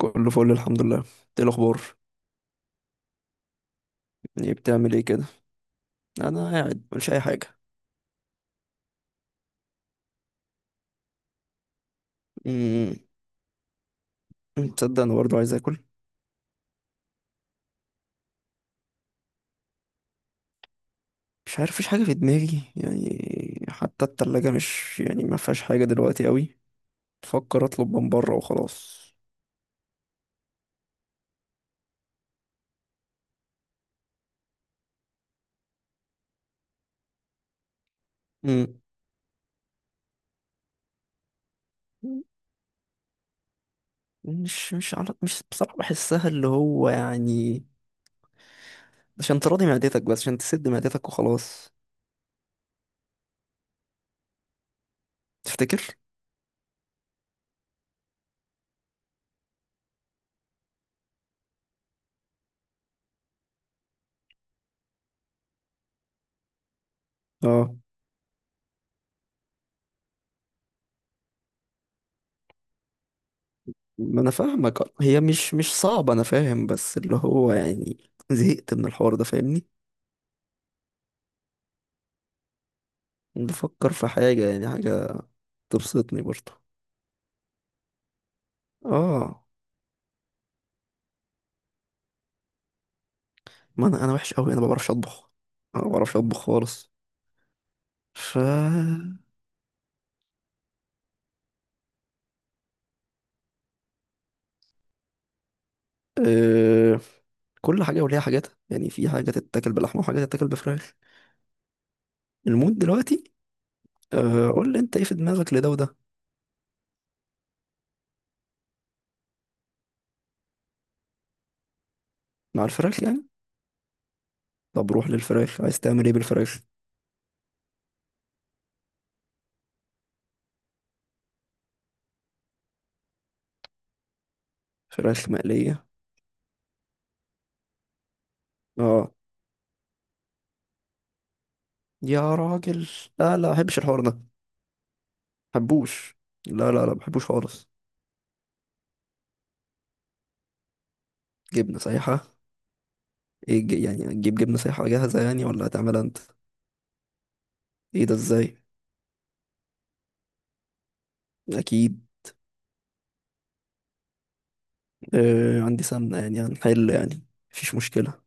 كله فل الحمد لله. ايه الاخبار؟ يعني بتعمل ايه كده. انا قاعد مش اي حاجه. امم تصدق انا برضه عايز اكل. مش عارف، مفيش حاجه في دماغي يعني. حتى التلاجة مش يعني، ما فيهاش حاجه دلوقتي قوي. بفكر اطلب من بره وخلاص. امم مش مش على مش بصراحه بحسها اللي هو يعني عشان تراضي معدتك، بس عشان تسد معدتك وخلاص. تفتكر؟ اه ما انا فاهمك، هي مش صعبه، انا فاهم، بس اللي هو يعني زهقت من الحوار ده، فاهمني. بفكر في حاجة، يعني حاجة تبسطني برضه. اه ما انا وحش قوي، انا ما بعرفش اطبخ. انا ما بعرفش اطبخ خالص. ف آه... كل حاجة وليها حاجاتها يعني. في حاجة تتاكل بلحمة وحاجة تتاكل بفراخ. المود دلوقتي؟ قول لي انت ايه في دماغك، لده وده؟ مع الفراخ يعني. طب روح للفراخ، عايز تعمل ايه بالفراخ؟ فراخ مقلية. اه. يا راجل، لا لا، ما بحبش الحوار ده ما بحبوش. لا لا لا، ما بحبوش خالص. جبنة سايحة؟ يعني هتجيب جبنة سايحة جاهزة يعني، ولا هتعملها انت؟ ايه ده، ازاي؟ اكيد. آه عندي سمنة، يعني هنحل يعني. مفيش مشكلة.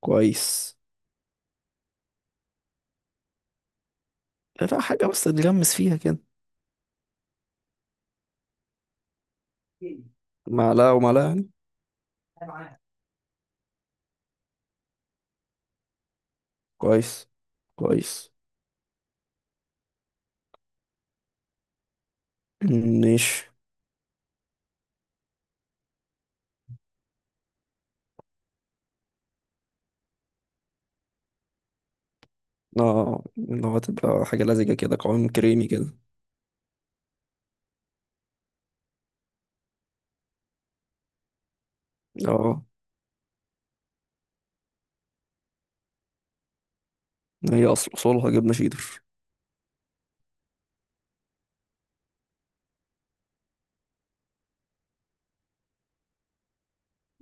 كويس. فيها حاجة بس تتغمس فيها كده. معلقة ومعلقة يعني. كويس. كويس. ماشي. اه اللي هو تبقى حاجة لزجة كده، قوام كريمي كده. اه هي اصل اصولها جبنة شيدر.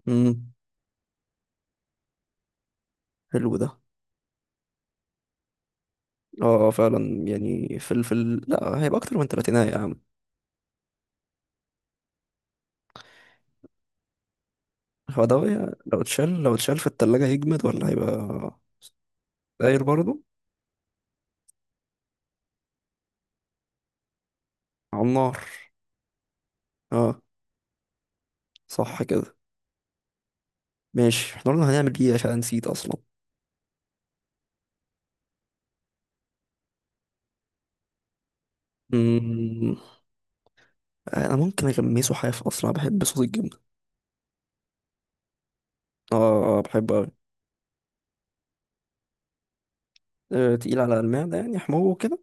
امم حلو ده. اه فعلا، يعني فلفل، لا هيبقى اكتر من تلاتيناية يا عم. هو ده، هي لو اتشال، لو اتشال في التلاجة هيجمد ولا هيبقى داير برضه؟ على النار. اه. صح كده. ماشي، احنا قلنا هنعمل ايه؟ عشان نسيت اصلا. مم. انا ممكن اغمسه حاف، اصلا بحب صوص الجبنة. اه اه بحبه اوي. تقيل على المعدة يعني، حموه كده.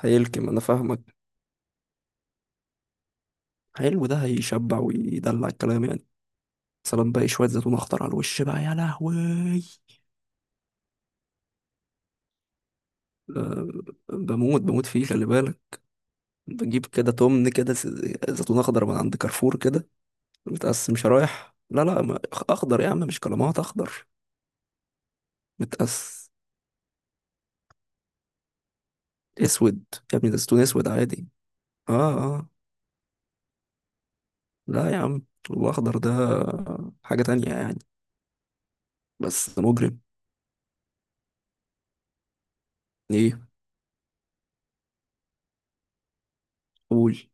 هيلكم، انا فاهمك. حلو ده، هيشبع ويدلع الكلام يعني. سلام بقى، شوية زيتون اخضر على الوش بقى يا لهوي. آه، بموت فيه، خلي بالك. بجيب كده تمن كده س- زيتون اخضر من عند كارفور كده. متقس، مش رايح. لا لا ما- اخضر يا عم، مش كلمات، اخضر. متقس اسود؟ يا ابني ده زيتون اسود عادي. اه اه. لا يا عم، الاخضر ده حاجة تانية يعني، بس مجرم. ايه؟ قول.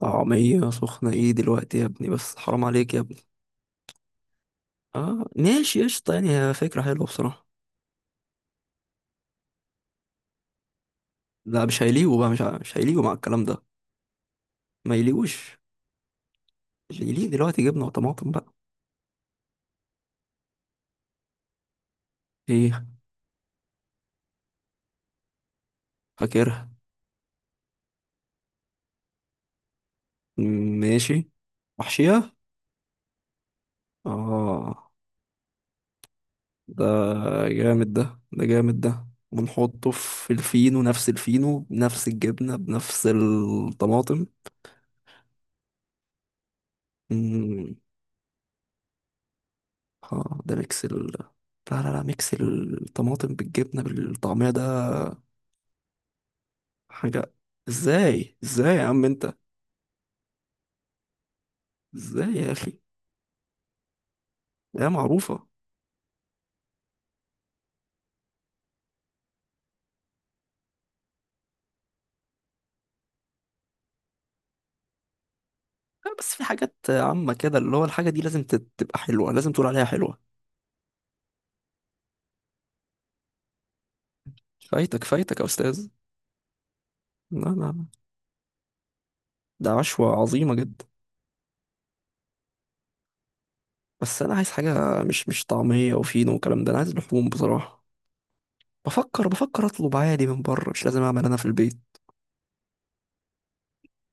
طعمية سخنة ايه دلوقتي يا ابني؟ بس حرام عليك يا ابني. اه ماشي، قشطة يعني، هي فكرة حلوة بصراحة. لا مش هيليقوا بقى، مش هيليقوا مع الكلام ده. ما يليقوش. اللي يليق دلوقتي جبنة وطماطم بقى. ايه؟ فاكرها. ماشي. وحشية. اه ده جامد ده، ده جامد ده. ونحطه في الفينو، نفس الفينو، بنفس الجبنة، بنفس الطماطم. مم. اه ده ميكس ال... لا لا لا، ميكس الطماطم بالجبنة بالطعمية ده حاجة. ازاي، ازاي يا عم انت؟ ازاي يا اخي، ده معروفة. لا بس في حاجات عامة كده، اللي هو الحاجة دي لازم تبقى حلوة، لازم تقول عليها حلوة. فايتك، فايتك يا استاذ. لا لا لا. ده عشوة عظيمة جدا. بس انا عايز حاجه، مش طعميه وفينو والكلام ده، انا عايز لحوم بصراحه. بفكر اطلب عادي من بره، مش لازم اعمل انا في البيت.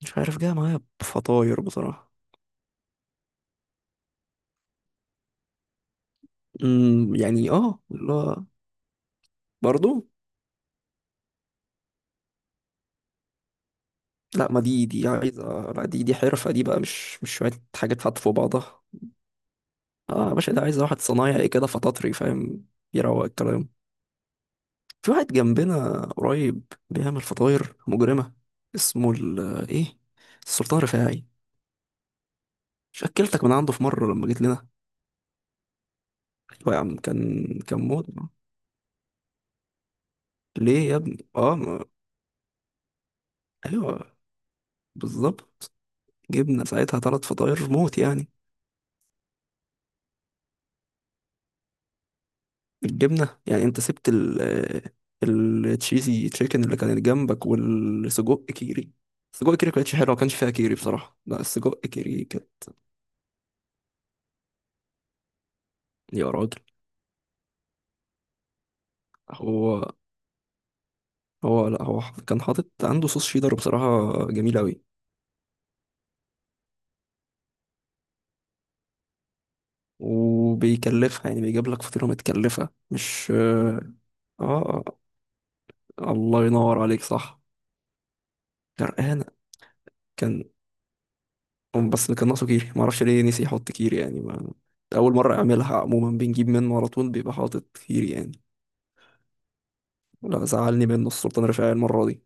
مش عارف، جاي معايا بفطاير بصراحه. يعني اه لا. برضو. لا ما دي، دي عايزه، لا دي دي حرفه دي بقى، مش شويه حاجات حاطه في بعضها. اه يا باشا، ده عايز واحد صنايعي كده، فطاطري، فاهم، يروق الكلام. في واحد جنبنا قريب بيعمل فطاير مجرمه. اسمه ال، ايه، السلطان رفاعي. شكلتك من عنده في مره لما جيت لنا. هو يا عم كان، كان موت بقى. ليه يا ابني، اه ما... ايوه، بالظبط. جبنا ساعتها ثلاث فطاير موت يعني. الجبنه يعني انت سبت التشيزي تشيكن اللي كانت جنبك والسجق كيري. السجق كيري كانتش حلوه، ما كانش فيها كيري بصراحه، لا السجق كيري كان، يا راجل. هو هو لا هو كان حاطط عنده صوص شيدر بصراحه جميل قوي. وبيكلفها يعني، بيجيب لك فطيره متكلفه، مش اه. آه، الله ينور عليك، صح، غرقانة كان. بس كان ناقصه كيري، ما اعرفش ليه نسي يحط كيري يعني، ما، اول مره يعملها. عموما بنجيب منه على طول بيبقى حاطط كيري يعني. لا زعلني منه السلطان رفاعي المره دي.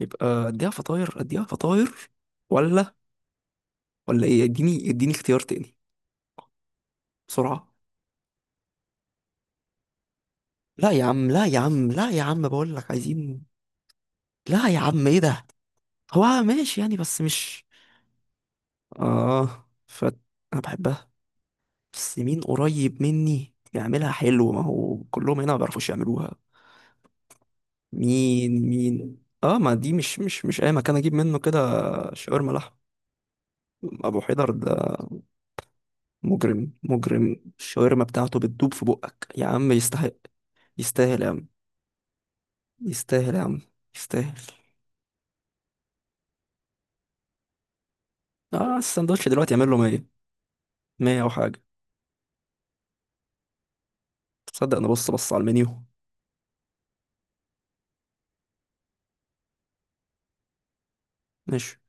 يبقى اديها فطاير، اديها فطاير، ولا، ولا ايه؟ اديني اختيار تاني، بسرعه. لا يا عم، لا يا عم، لا يا عم، بقول لك عايزين. لا يا عم، ايه ده؟ هو ماشي يعني، بس مش. اه فت، انا بحبها. بس مين قريب مني يعملها حلو؟ ما هو كلهم هنا ما بيعرفوش يعملوها. مين؟ مين؟ اه ما دي، مش اي مكان اجيب منه كده. شاورما لحم. ابو حيدر ده مجرم، مجرم الشاورما بتاعته، بتدوب في بقك يا عم، يستحق. يستاهل يا عم، يستاهل يا عم، يستاهل. اه السندوتش دلوقتي يعمل له 100. 100 وحاجه. تصدق انا بص، بص على المنيو. ماشي.